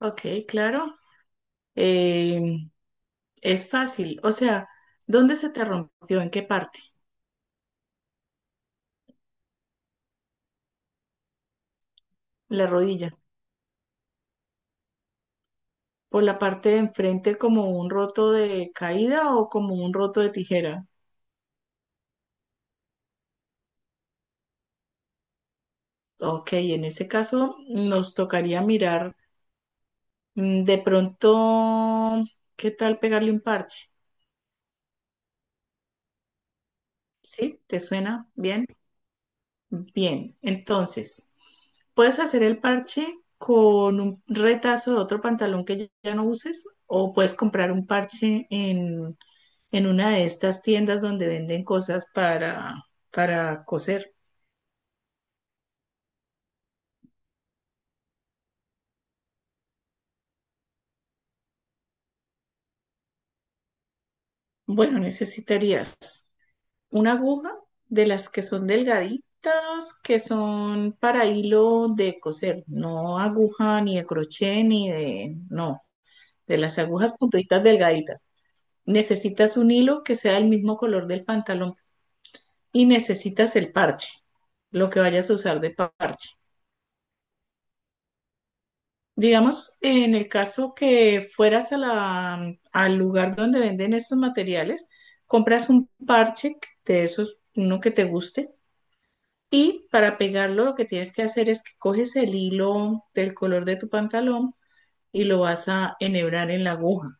Ok, claro. Eh, es fácil. O sea, ¿dónde se te rompió? ¿En qué parte? La rodilla. ¿Por la parte de enfrente como un roto de caída o como un roto de tijera? Ok, en ese caso nos tocaría mirar de pronto, ¿qué tal pegarle un parche? ¿Sí? ¿Te suena bien? Bien. Entonces, puedes hacer el parche con un retazo de otro pantalón que ya no uses o puedes comprar un parche en una de estas tiendas donde venden cosas para coser. Bueno, necesitarías una aguja de las que son delgaditas, que son para hilo de coser, no aguja ni de crochet ni de, no, de las agujas puntuitas delgaditas. Necesitas un hilo que sea el mismo color del pantalón y necesitas el parche, lo que vayas a usar de parche. Digamos, en el caso que fueras a la, al lugar donde venden estos materiales, compras un parche de esos, uno que te guste, y para pegarlo lo que tienes que hacer es que coges el hilo del color de tu pantalón y lo vas a enhebrar en la aguja.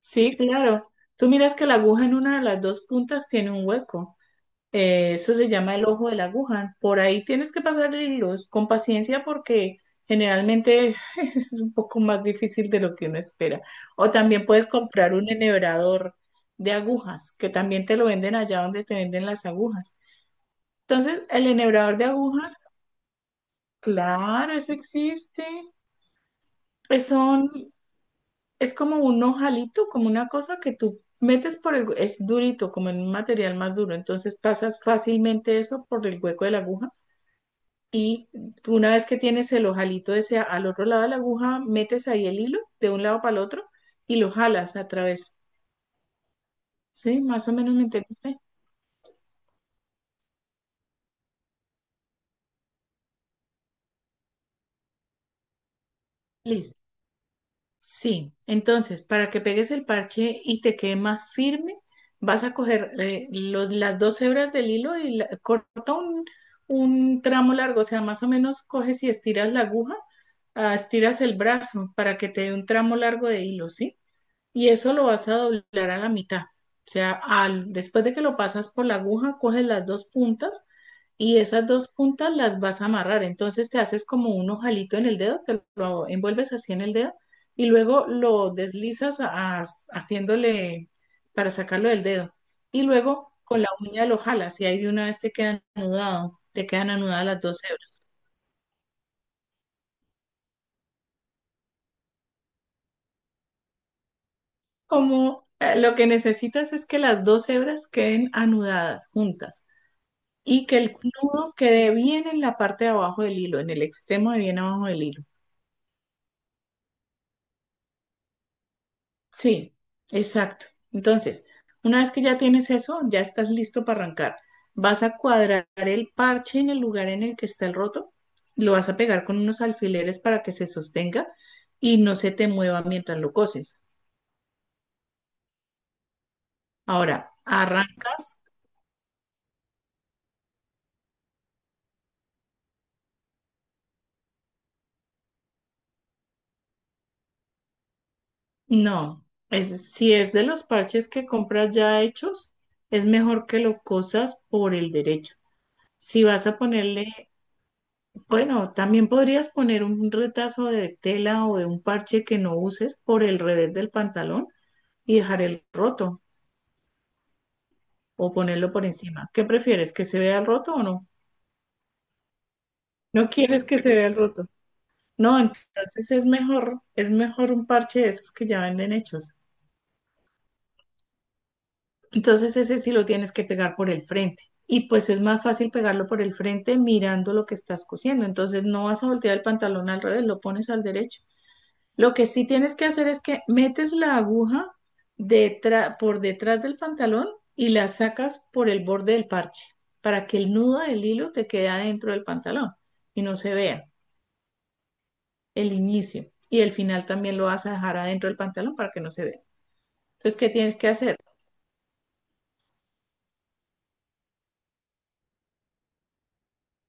Sí, claro. Tú miras que la aguja en una de las dos puntas tiene un hueco. Eso se llama el ojo de la aguja. Por ahí tienes que pasar hilos con paciencia porque generalmente es un poco más difícil de lo que uno espera. O también puedes comprar un enhebrador de agujas, que también te lo venden allá donde te venden las agujas. Entonces, el enhebrador de agujas, claro, eso existe. Es, son, es como un ojalito, como una cosa que tú metes por el, es durito, como en un material más duro. Entonces pasas fácilmente eso por el hueco de la aguja. Y una vez que tienes el ojalito ese al otro lado de la aguja, metes ahí el hilo de un lado para el otro y lo jalas a través. ¿Sí? Más o menos me entendiste. Listo. Sí. Entonces, para que pegues el parche y te quede más firme, vas a coger los, las dos hebras del hilo y corta un tramo largo. O sea, más o menos coges y estiras la aguja, ah, estiras el brazo para que te dé un tramo largo de hilo, ¿sí? Y eso lo vas a doblar a la mitad. O sea, después de que lo pasas por la aguja, coges las dos puntas y esas dos puntas las vas a amarrar. Entonces te haces como un ojalito en el dedo, te lo envuelves así en el dedo y luego lo deslizas haciéndole para sacarlo del dedo. Y luego con la uña lo jalas y ahí de una vez te quedan anudado, te quedan anudadas las dos hebras. Como lo que necesitas es que las dos hebras queden anudadas juntas. Y que el nudo quede bien en la parte de abajo del hilo, en el extremo de bien abajo del hilo. Sí, exacto. Entonces, una vez que ya tienes eso, ya estás listo para arrancar. Vas a cuadrar el parche en el lugar en el que está el roto, lo vas a pegar con unos alfileres para que se sostenga y no se te mueva mientras lo coses. Ahora, arrancas. No, es, si es de los parches que compras ya hechos, es mejor que lo cosas por el derecho. Si vas a ponerle, bueno, también podrías poner un retazo de tela o de un parche que no uses por el revés del pantalón y dejar el roto o ponerlo por encima. ¿Qué prefieres? ¿Que se vea el roto o no? No quieres que se vea el roto. No, entonces es mejor un parche de esos que ya venden hechos. Entonces ese sí lo tienes que pegar por el frente. Y pues es más fácil pegarlo por el frente mirando lo que estás cosiendo. Entonces no vas a voltear el pantalón al revés, lo pones al derecho. Lo que sí tienes que hacer es que metes la aguja por detrás del pantalón y la sacas por el borde del parche para que el nudo del hilo te quede adentro del pantalón y no se vea el inicio. Y el final también lo vas a dejar adentro del pantalón para que no se vea. Entonces, ¿qué tienes que hacer?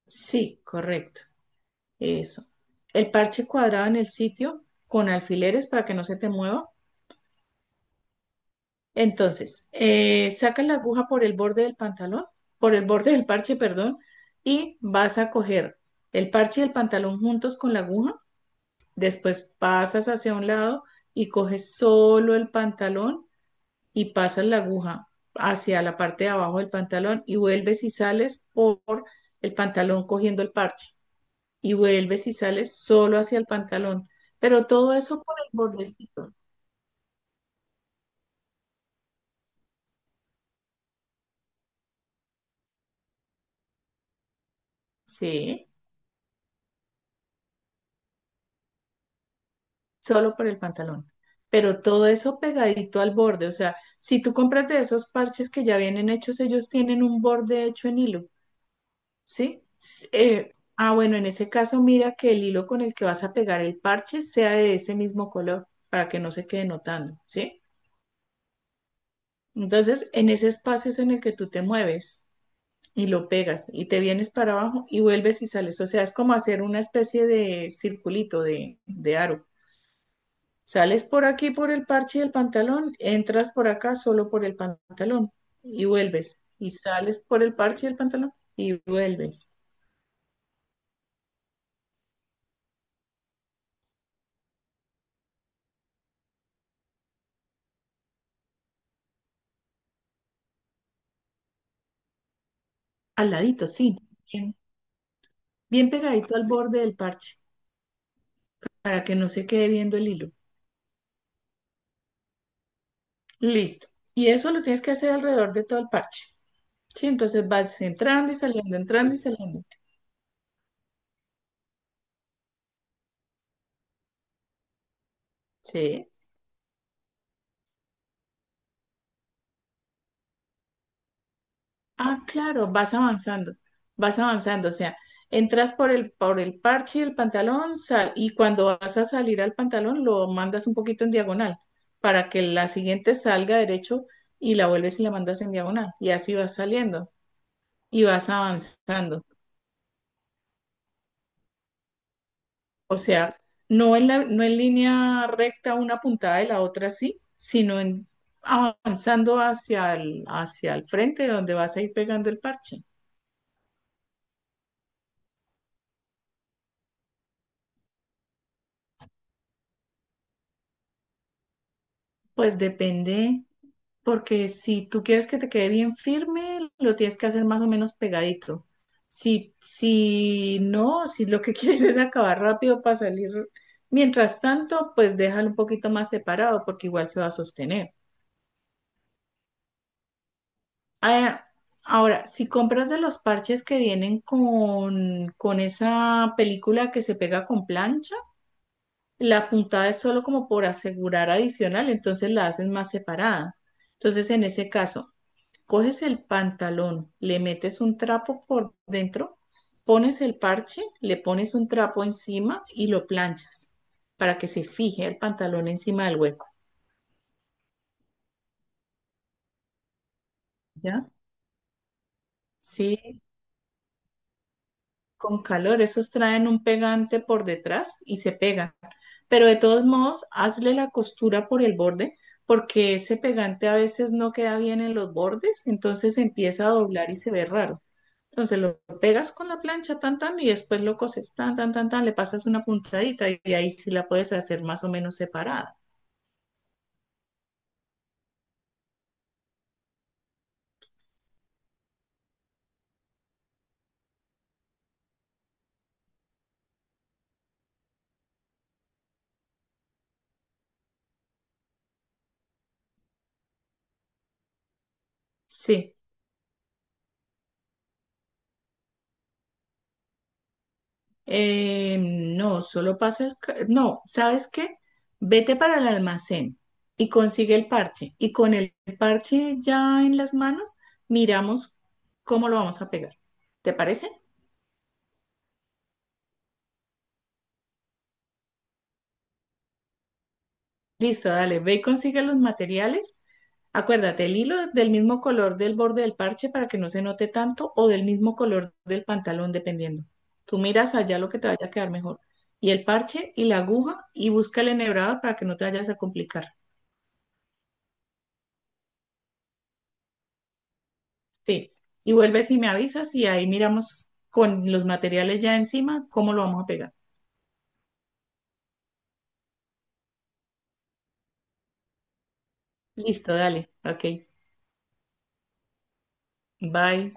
Sí, correcto. Eso. El parche cuadrado en el sitio con alfileres para que no se te mueva. Entonces, sacas la aguja por el borde del pantalón, por el borde del parche, perdón, y vas a coger el parche y el pantalón juntos con la aguja. Después pasas hacia un lado y coges solo el pantalón y pasas la aguja hacia la parte de abajo del pantalón y vuelves y sales por el pantalón cogiendo el parche. Y vuelves y sales solo hacia el pantalón. Pero todo eso por el bordecito, sí, solo por el pantalón. Pero todo eso pegadito al borde. O sea, si tú compras de esos parches que ya vienen hechos, ellos tienen un borde hecho en hilo, ¿sí? Ah, bueno, en ese caso, mira que el hilo con el que vas a pegar el parche sea de ese mismo color para que no se quede notando, ¿sí? Entonces, en ese espacio es en el que tú te mueves. Y lo pegas y te vienes para abajo y vuelves y sales. O sea, es como hacer una especie de circulito, de aro. Sales por aquí por el parche del pantalón, entras por acá solo por el pantalón y vuelves. Y sales por el parche del pantalón y vuelves. Al ladito, sí. Bien, bien pegadito al borde del parche para que no se quede viendo el hilo. Listo. Y eso lo tienes que hacer alrededor de todo el parche. Sí, entonces vas entrando y saliendo, entrando y saliendo. Sí. Ah, claro, vas avanzando, o sea, entras por el parche del pantalón sal, y cuando vas a salir al pantalón lo mandas un poquito en diagonal para que la siguiente salga derecho y la vuelves y la mandas en diagonal y así vas saliendo y vas avanzando. O sea, no en la, no en línea recta una puntada de la otra sí, sino en, avanzando hacia el, frente donde vas a ir pegando el parche. Pues depende. Porque si tú quieres que te quede bien firme, lo tienes que hacer más o menos pegadito. Si, si no, si lo que quieres es acabar rápido para salir, mientras tanto, pues déjalo un poquito más separado porque igual se va a sostener. Ah, ahora, si compras de los parches que vienen con esa película que se pega con plancha, la puntada es solo como por asegurar adicional, entonces la haces más separada. Entonces, en ese caso... coges el pantalón, le metes un trapo por dentro, pones el parche, le pones un trapo encima y lo planchas para que se fije el pantalón encima del hueco, ¿ya? Sí, con calor, esos traen un pegante por detrás y se pegan. Pero de todos modos, hazle la costura por el borde porque ese pegante a veces no queda bien en los bordes, entonces empieza a doblar y se ve raro. Entonces lo pegas con la plancha, tan, tan, y después lo coses, tan, tan, tan, tan, le pasas una puntadita y ahí sí la puedes hacer más o menos separada. Sí. No, solo pasa el... No, ¿sabes qué? Vete para el almacén y consigue el parche. Y con el parche ya en las manos, miramos cómo lo vamos a pegar. ¿Te parece? Listo, dale, ve y consigue los materiales. Acuérdate, el hilo del mismo color del borde del parche para que no se note tanto o del mismo color del pantalón, dependiendo. Tú miras allá lo que te vaya a quedar mejor. Y el parche y la aguja y busca el enhebrado para que no te vayas a complicar. Sí. Y vuelves y me avisas y ahí miramos con los materiales ya encima cómo lo vamos a pegar. Listo, dale. Ok. Bye.